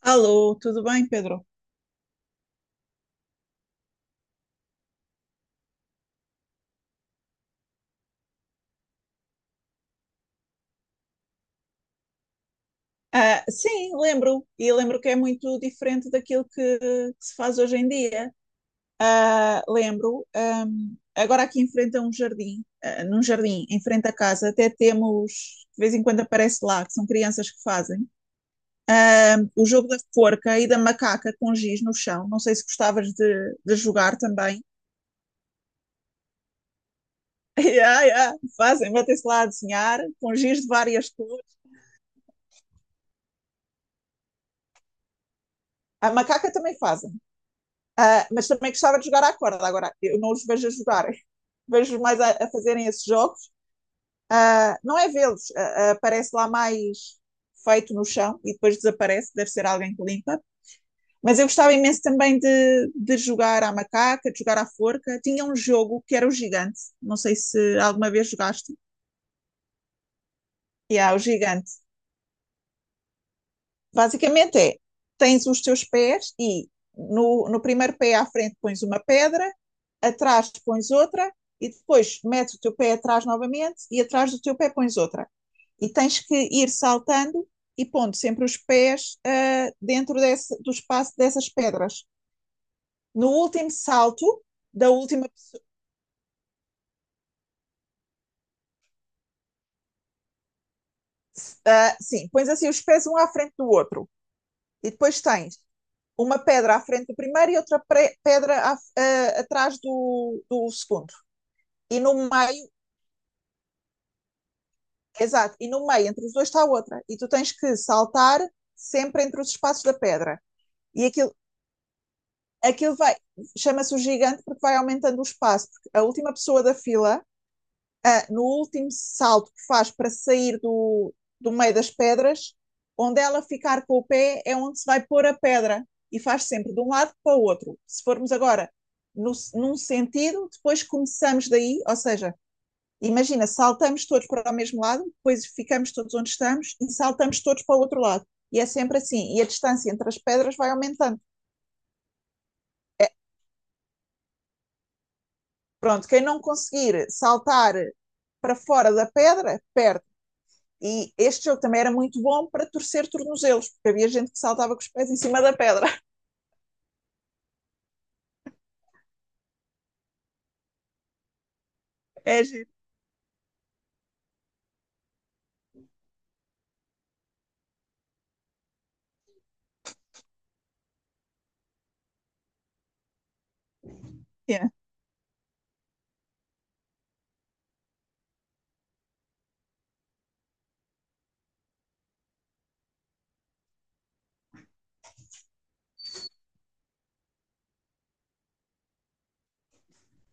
Alô, tudo bem, Pedro? Ah, sim, lembro, e lembro que é muito diferente daquilo que se faz hoje em dia. Ah, lembro, agora aqui em frente a um jardim, ah, num jardim, em frente à casa, até temos, de vez em quando aparece lá, que são crianças que fazem, o jogo da forca e da macaca com giz no chão. Não sei se gostavas de jogar também. Yeah, yeah, fazem, metem-se lá a desenhar, com giz de várias cores. A macaca também fazem. Ah, mas também gostava de jogar à corda. Agora, eu não os vejo a jogarem. Vejo mais a fazerem esses jogos. Ah, não é vê-los. Parece lá mais feito no chão e depois desaparece. Deve ser alguém que limpa. Mas eu gostava imenso também de jogar à macaca, de jogar à forca. Tinha um jogo que era o gigante. Não sei se alguma vez jogaste. E há o gigante. Basicamente é, tens os teus pés e no primeiro pé à frente pões uma pedra, atrás pões outra e depois metes o teu pé atrás novamente e atrás do teu pé pões outra. E tens que ir saltando e pondo sempre os pés dentro desse, do espaço dessas pedras. No último salto da última pessoa, sim, pões assim os pés um à frente do outro e depois tens uma pedra à frente do primeiro e outra pedra atrás do segundo. E no meio, exato, e no meio entre os dois está outra. E tu tens que saltar sempre entre os espaços da pedra. E aquilo, aquilo vai, chama-se o gigante porque vai aumentando o espaço, porque a última pessoa da fila, no último salto que faz para sair do meio das pedras, onde ela ficar com o pé é onde se vai pôr a pedra e faz sempre de um lado para o outro. Se formos agora no, num sentido, depois começamos daí, ou seja, imagina, saltamos todos para o mesmo lado, depois ficamos todos onde estamos e saltamos todos para o outro lado. E é sempre assim. E a distância entre as pedras vai aumentando. Pronto, quem não conseguir saltar para fora da pedra, perde. E este jogo também era muito bom para torcer tornozelos, porque havia gente que saltava com os pés em cima da pedra. É giro. Yeah.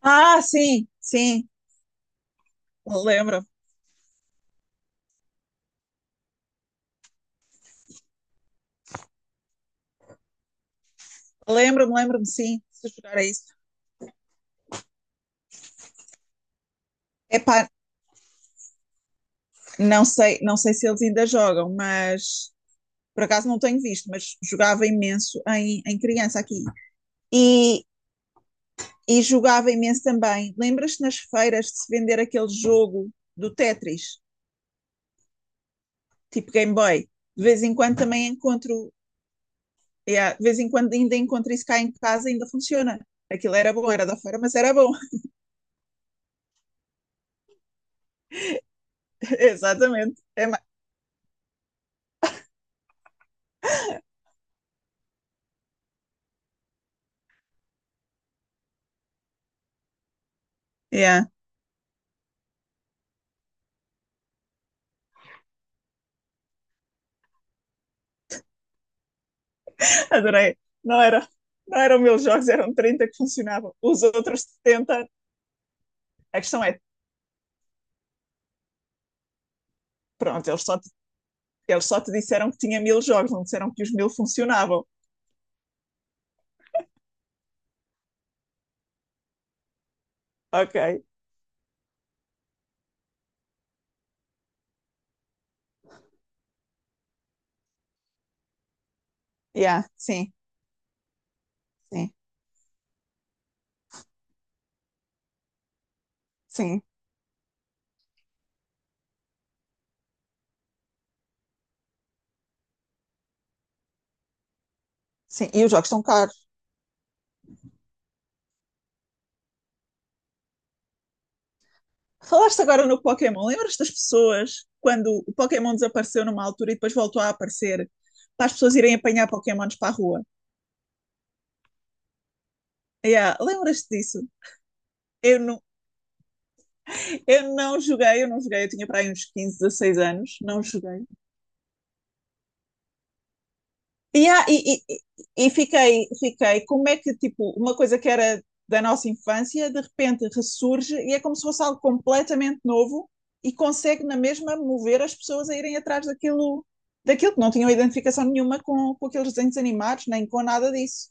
Ah, sim, sim, lembro-me, lembro-me, sim, se jogar a isso. Epá, não sei se eles ainda jogam, mas por acaso não tenho visto, mas jogava imenso em criança aqui. E, e jogava imenso também. Lembras-te nas feiras de se vender aquele jogo do Tetris, tipo Game Boy? De vez em quando também encontro, yeah, de vez em quando ainda encontro isso cá em casa, ainda funciona. Aquilo era bom, era da feira, mas era bom. Exatamente. É. Yeah. Adorei. Não era, não eram 1000 jogos, eram 30 que funcionavam. Os outros 70. A questão é, pronto, eles só Eles só te disseram que tinha 1000 jogos, não disseram que os 1000 funcionavam. Ok. Yeah, sim, sim, sim, sim. E os jogos estão caros. Falaste agora no Pokémon, lembras das pessoas quando o Pokémon desapareceu numa altura e depois voltou a aparecer para as pessoas irem apanhar Pokémons para a rua? Yeah, lembras-te disso? Eu não, eu não joguei, eu tinha para aí uns 15, 16 anos, não joguei. E, há- e, e, e e fiquei, como é que, tipo, uma coisa que era da nossa infância, de repente ressurge e é como se fosse algo completamente novo e consegue na mesma mover as pessoas a irem atrás daquilo que não tinham identificação nenhuma com aqueles desenhos animados, nem com nada disso.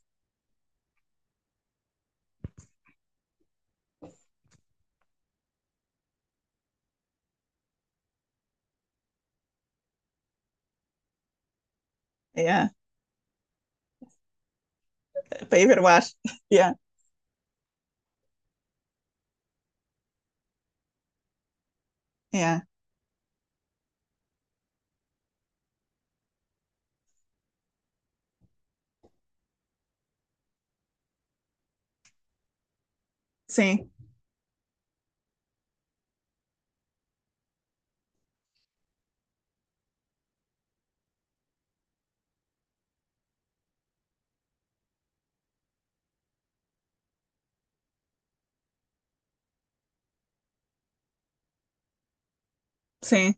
Yeah. Para ir ver o ar. Yeah. Yeah. Sim, sim,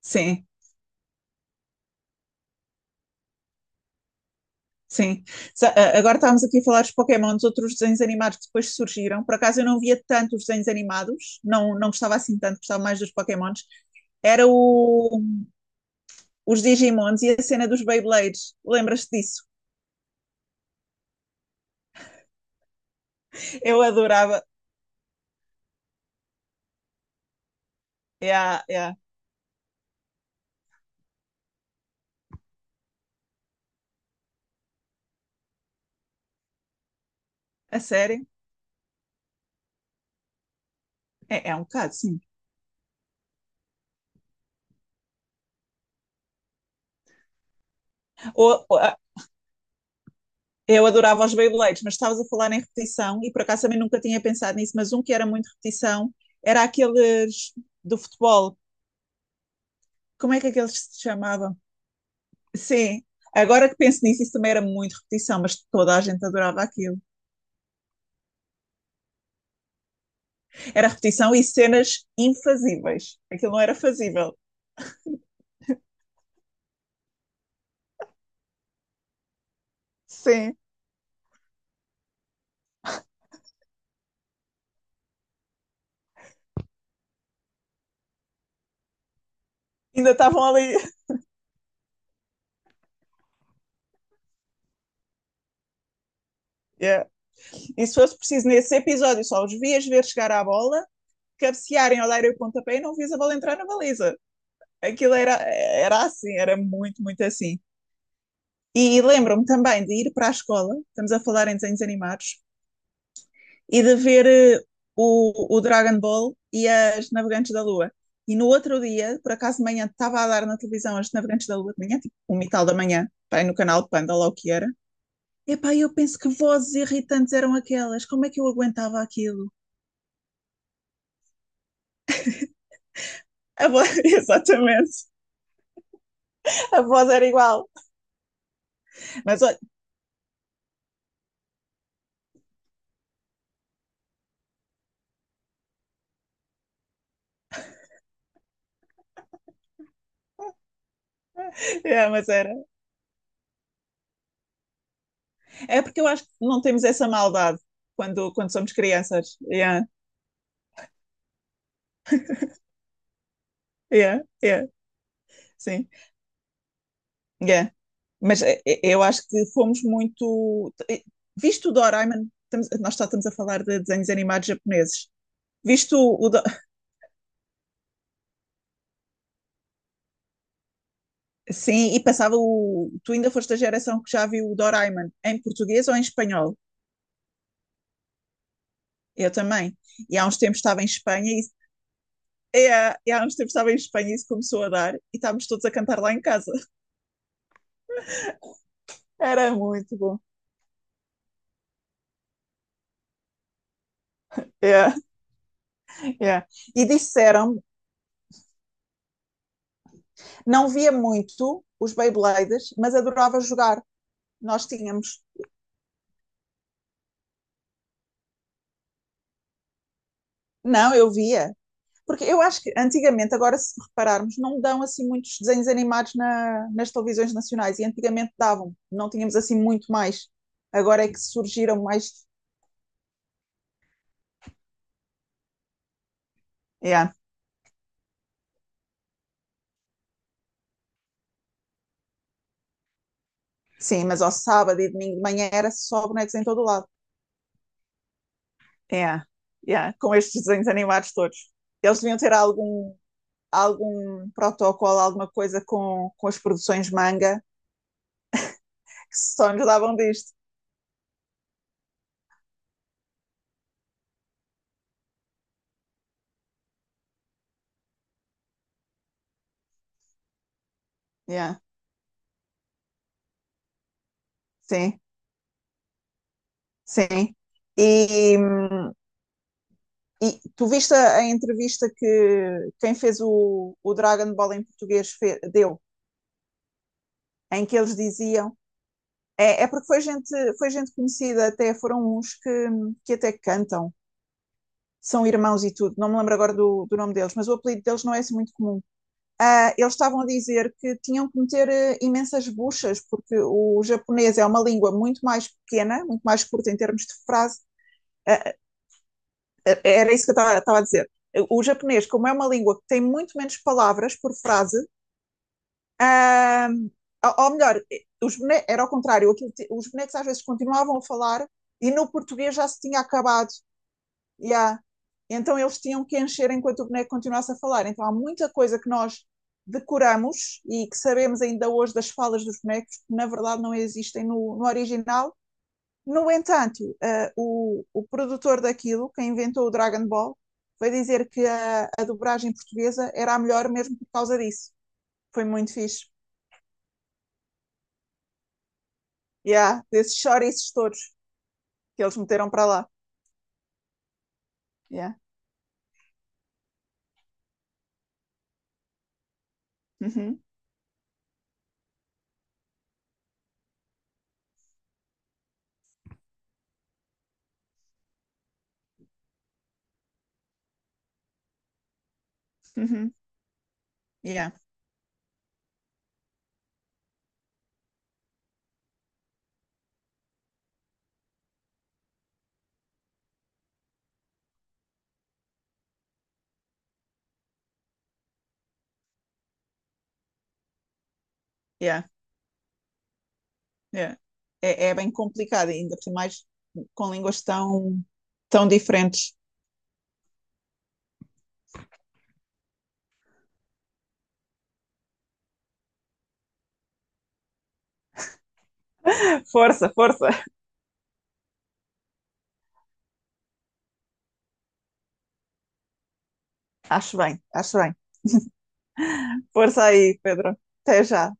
sim. Sim. Agora estávamos aqui a falar dos Pokémon, dos outros desenhos animados que depois surgiram. Por acaso eu não via tanto os desenhos animados, não, não gostava assim tanto, gostava mais dos Pokémons. Era os Digimons e a cena dos Beyblades. Lembras-te disso? Eu adorava. É a série? É um bocado, sim. Ou- ou a- eu adorava os Beyblades, mas estavas a falar em repetição e por acaso também nunca tinha pensado nisso, mas um que era muito repetição era aqueles do futebol. Como é que aqueles se chamavam? Sim, agora que penso nisso, isso também era muito repetição, mas toda a gente adorava aquilo. Era repetição e cenas infazíveis. Aquilo não era fazível. Sim, ainda estavam ali. Yeah. E se fosse preciso nesse episódio, só os vias ver chegar à bola, cabecearem ao dar o pontapé e não vias a bola entrar na baliza. Aquilo era assim, era muito, muito assim. E lembro-me também de ir para a escola, estamos a falar em desenhos animados, e de ver o Dragon Ball e as Navegantes da Lua. E no outro dia, por acaso de manhã, estava a dar na televisão as Navegantes da Lua de manhã, tipo um e tal da manhã, pá, no canal Panda, lá o que era. Epá, eu penso que vozes irritantes eram aquelas, como é que eu aguentava aquilo? A voz, exatamente, a voz era igual, mas, mas era. É porque eu acho que não temos essa maldade quando somos crianças. Yeah, yeah, yeah, sim. Yeah. Mas eu acho que fomos muito. Visto o Doraemon, nós só estamos a falar de desenhos animados japoneses. Visto o. Sim, e passava o. Tu ainda foste da geração que já viu o Doraemon em português ou em espanhol? Eu também. E há uns tempos estava em Espanha e. É, e há uns tempos estava em Espanha e isso começou a dar, e estávamos todos a cantar lá em casa. Era muito bom. É, é. E disseram-me, não via muito os Beybladers, mas adorava jogar. Nós tínhamos. Não, eu via. Porque eu acho que antigamente, agora se repararmos, não dão assim muitos desenhos animados nas televisões nacionais. E antigamente davam, não tínhamos assim muito mais. Agora é que surgiram mais. Yeah. Sim, mas ao sábado e domingo de manhã era só bonecos em todo o lado. Yeah. Yeah. Com estes desenhos animados todos. Eles deviam ter algum protocolo, alguma coisa com as produções manga que só nos davam disto. Yeah. Sim, sim. E E tu viste a entrevista que quem fez o Dragon Ball em português deu, em que eles diziam. É porque foi gente conhecida, até foram uns que até cantam, são irmãos e tudo. Não me lembro agora do nome deles, mas o apelido deles não é assim muito comum. Ah, eles estavam a dizer que tinham que meter imensas buchas, porque o japonês é uma língua muito mais pequena, muito mais curta em termos de frase. Ah, era isso que eu estava a dizer. O japonês, como é uma língua que tem muito menos palavras por frase, ah, ou melhor, era ao contrário, os bonecos às vezes continuavam a falar e no português já se tinha acabado. Yeah. Então eles tinham que encher enquanto o boneco continuasse a falar. Então há muita coisa que nós decoramos e que sabemos ainda hoje das falas dos bonecos que na verdade não existem no original. No entanto, o produtor daquilo, quem inventou o Dragon Ball, foi dizer que a dobragem portuguesa era a melhor mesmo por causa disso. Foi muito fixe. Yeah, desses chouriços todos que eles meteram para lá. Yeah. Uhum, uhum. Yeah, yeah, yeah. É bem complicado, ainda por mais com línguas tão, tão diferentes. Força, força. Acho bem, acho bem. Força aí, Pedro. Até já.